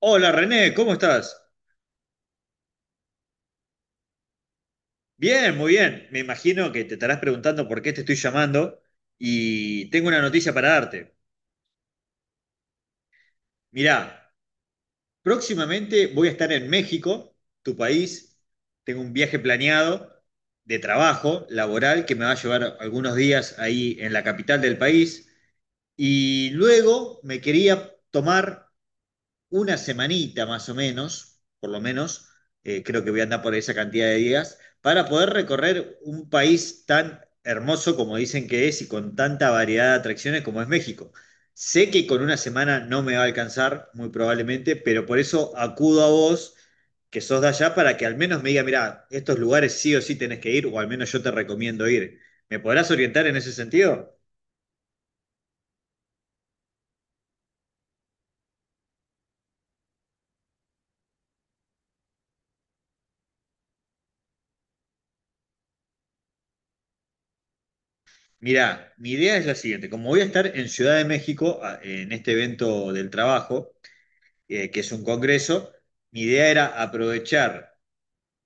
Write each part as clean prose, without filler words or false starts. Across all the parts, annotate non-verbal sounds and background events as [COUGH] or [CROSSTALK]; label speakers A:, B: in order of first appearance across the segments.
A: Hola René, ¿cómo estás? Bien, muy bien. Me imagino que te estarás preguntando por qué te estoy llamando y tengo una noticia para darte. Mirá, próximamente voy a estar en México, tu país. Tengo un viaje planeado de trabajo laboral que me va a llevar algunos días ahí en la capital del país. Y luego me quería tomar una semanita más o menos, por lo menos, creo que voy a andar por esa cantidad de días, para poder recorrer un país tan hermoso como dicen que es y con tanta variedad de atracciones como es México. Sé que con una semana no me va a alcanzar, muy probablemente, pero por eso acudo a vos, que sos de allá, para que al menos me diga, mirá, estos lugares sí o sí tenés que ir, o al menos yo te recomiendo ir. ¿Me podrás orientar en ese sentido? Mirá, mi idea es la siguiente. Como voy a estar en Ciudad de México en este evento del trabajo, que es un congreso, mi idea era aprovechar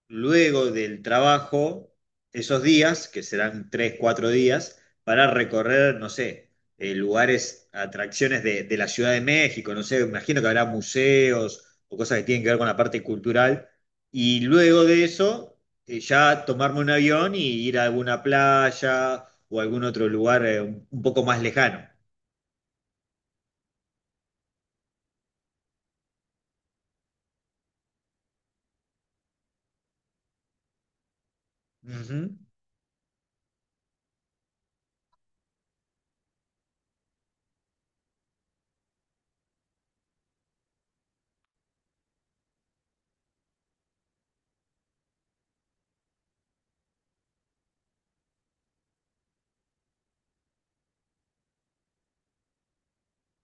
A: luego del trabajo esos días, que serán tres, cuatro días, para recorrer, no sé, lugares, atracciones de la Ciudad de México, no sé, imagino que habrá museos o cosas que tienen que ver con la parte cultural. Y luego de eso, ya tomarme un avión y ir a alguna playa o algún otro lugar un poco más lejano. Ujú.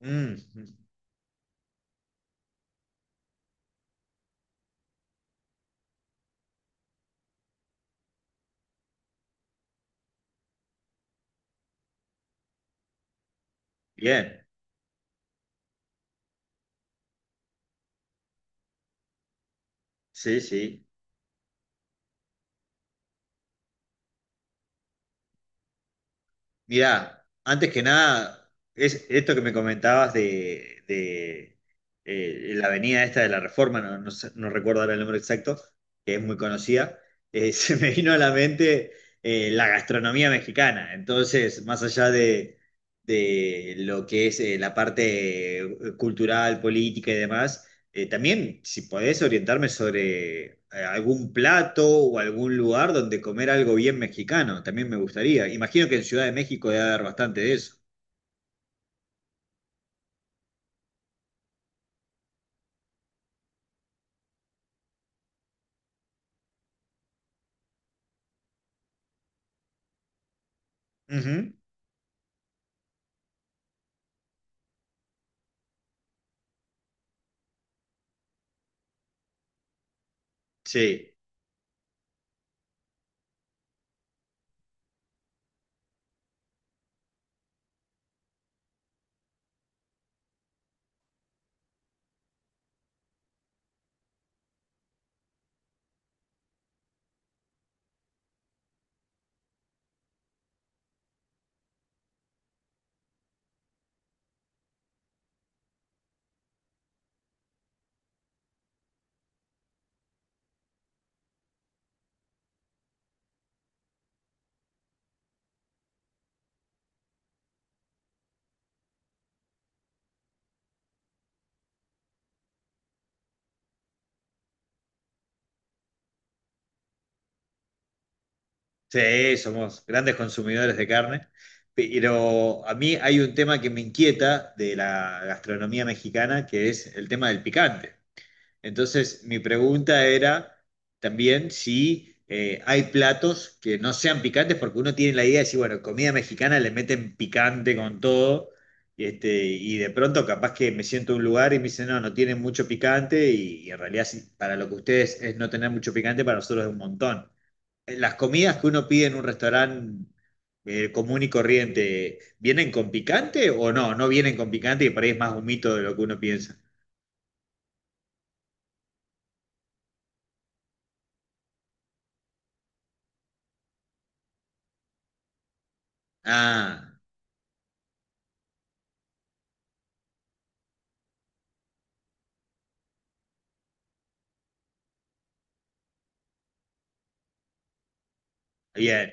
A: Mm, bien, sí, sí. Mirá, antes que nada, es esto que me comentabas de, la avenida esta de la Reforma, no, no recuerdo ahora el nombre exacto, que es muy conocida, [LAUGHS] se me vino a la mente la gastronomía mexicana. Entonces, más allá de lo que es la parte cultural, política y demás, también, si podés orientarme sobre algún plato o algún lugar donde comer algo bien mexicano, también me gustaría. Imagino que en Ciudad de México debe haber bastante de eso. Ujú. Sí, sí, somos grandes consumidores de carne, pero a mí hay un tema que me inquieta de la gastronomía mexicana, que es el tema del picante. Entonces, mi pregunta era también si hay platos que no sean picantes, porque uno tiene la idea de decir, bueno, comida mexicana le meten picante con todo, y, este, y de pronto capaz que me siento en un lugar y me dicen, no, no tienen mucho picante, y en realidad sí, para lo que ustedes es no tener mucho picante, para nosotros es un montón. Las comidas que uno pide en un restaurante común y corriente, ¿vienen con picante o no? No vienen con picante y por ahí es más un mito de lo que uno piensa. Ah, bien.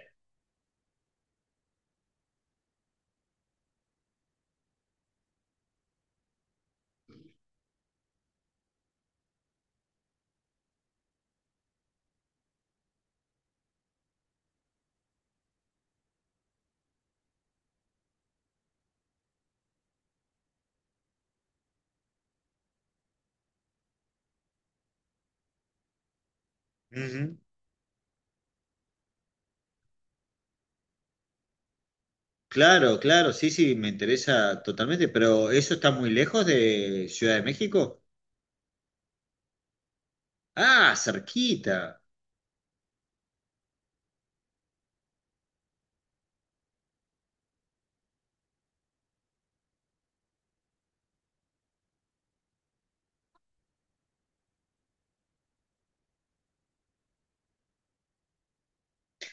A: Ujú. Claro, claro, sí, sí, me interesa totalmente, pero ¿eso está muy lejos de Ciudad de México? Ah, cerquita.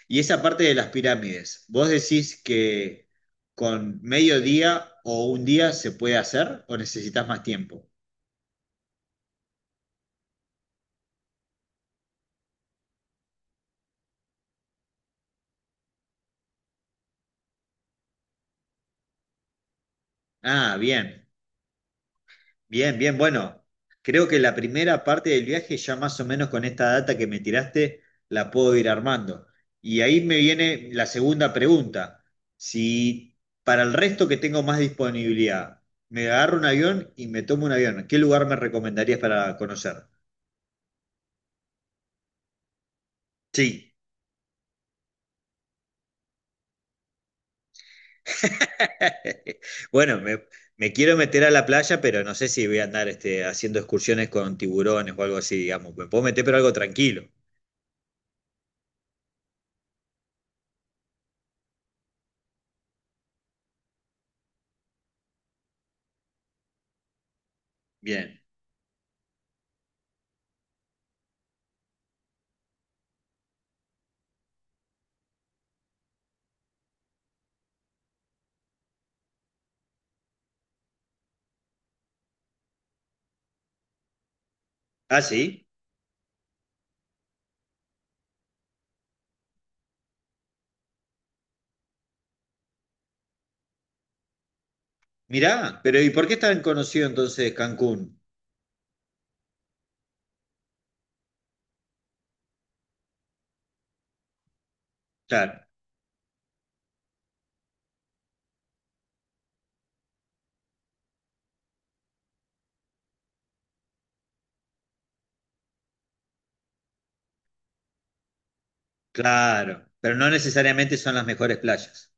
A: Y esa parte de las pirámides, ¿vos decís que con medio día o un día se puede hacer o necesitas más tiempo? Ah, bien. Bien, bien, bueno, creo que la primera parte del viaje ya más o menos con esta data que me tiraste la puedo ir armando. Y ahí me viene la segunda pregunta. Si para el resto que tengo más disponibilidad, me tomo un avión, ¿qué lugar me recomendarías para conocer? Sí. [LAUGHS] Bueno, me quiero meter a la playa, pero no sé si voy a andar este, haciendo excursiones con tiburones o algo así, digamos. Me puedo meter, pero algo tranquilo. Bien. ¿Ah, sí? Mirá, pero ¿y por qué es tan conocido entonces Cancún? Claro, claro, pero no necesariamente son las mejores playas.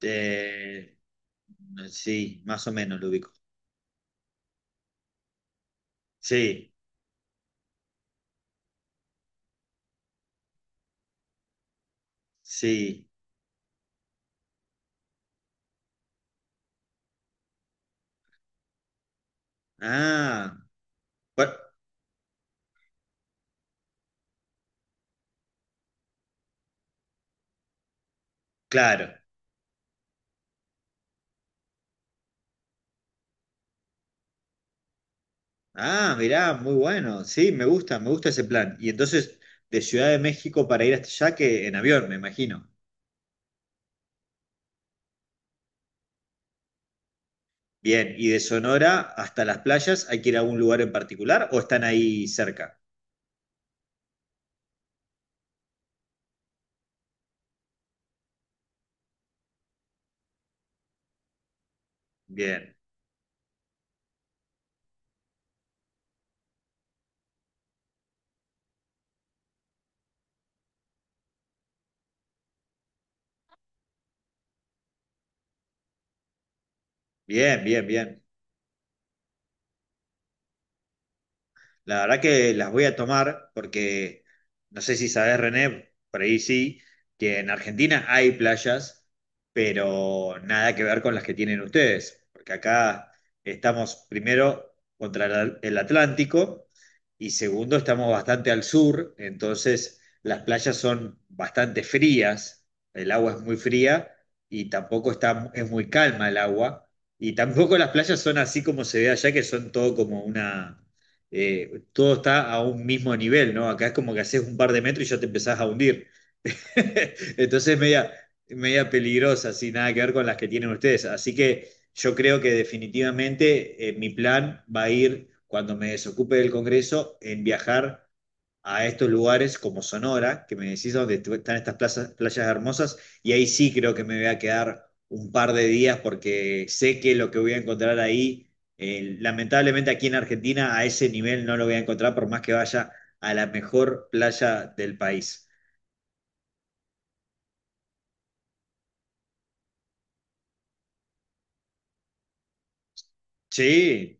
A: Eh, sí, más o menos lo ubico. Sí, sí. Ah, bueno, claro. Ah, mirá, muy bueno. Sí, me gusta ese plan. Y entonces, de Ciudad de México para ir hasta allá, que en avión, me imagino. Bien, y de Sonora hasta las playas, ¿hay que ir a algún lugar en particular o están ahí cerca? Bien, bien, bien, bien. La verdad que las voy a tomar porque no sé si sabes René, por ahí sí, que en Argentina hay playas, pero nada que ver con las que tienen ustedes, porque acá estamos primero contra el Atlántico y segundo estamos bastante al sur, entonces las playas son bastante frías, el agua es muy fría y tampoco está, es muy calma el agua. Y tampoco las playas son así como se ve allá, que son todo como una, todo está a un mismo nivel, ¿no? Acá es como que haces un par de metros y ya te empezás a hundir. [LAUGHS] Entonces, media peligrosa, sin nada que ver con las que tienen ustedes. Así que yo creo que definitivamente mi plan va a ir, cuando me desocupe del Congreso, en viajar a estos lugares como Sonora, que me decís donde están estas playas hermosas, y ahí sí creo que me voy a quedar un par de días porque sé que lo que voy a encontrar ahí, lamentablemente aquí en Argentina, a ese nivel no lo voy a encontrar por más que vaya a la mejor playa del país. Sí.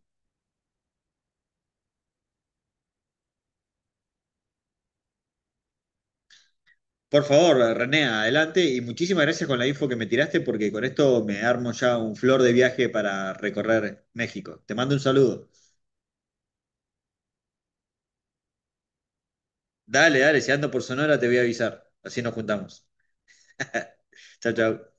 A: Por favor, René, adelante y muchísimas gracias con la info que me tiraste porque con esto me armo ya un flor de viaje para recorrer México. Te mando un saludo. Dale, dale, si ando por Sonora te voy a avisar. Así nos juntamos. [LAUGHS] Chao, chao.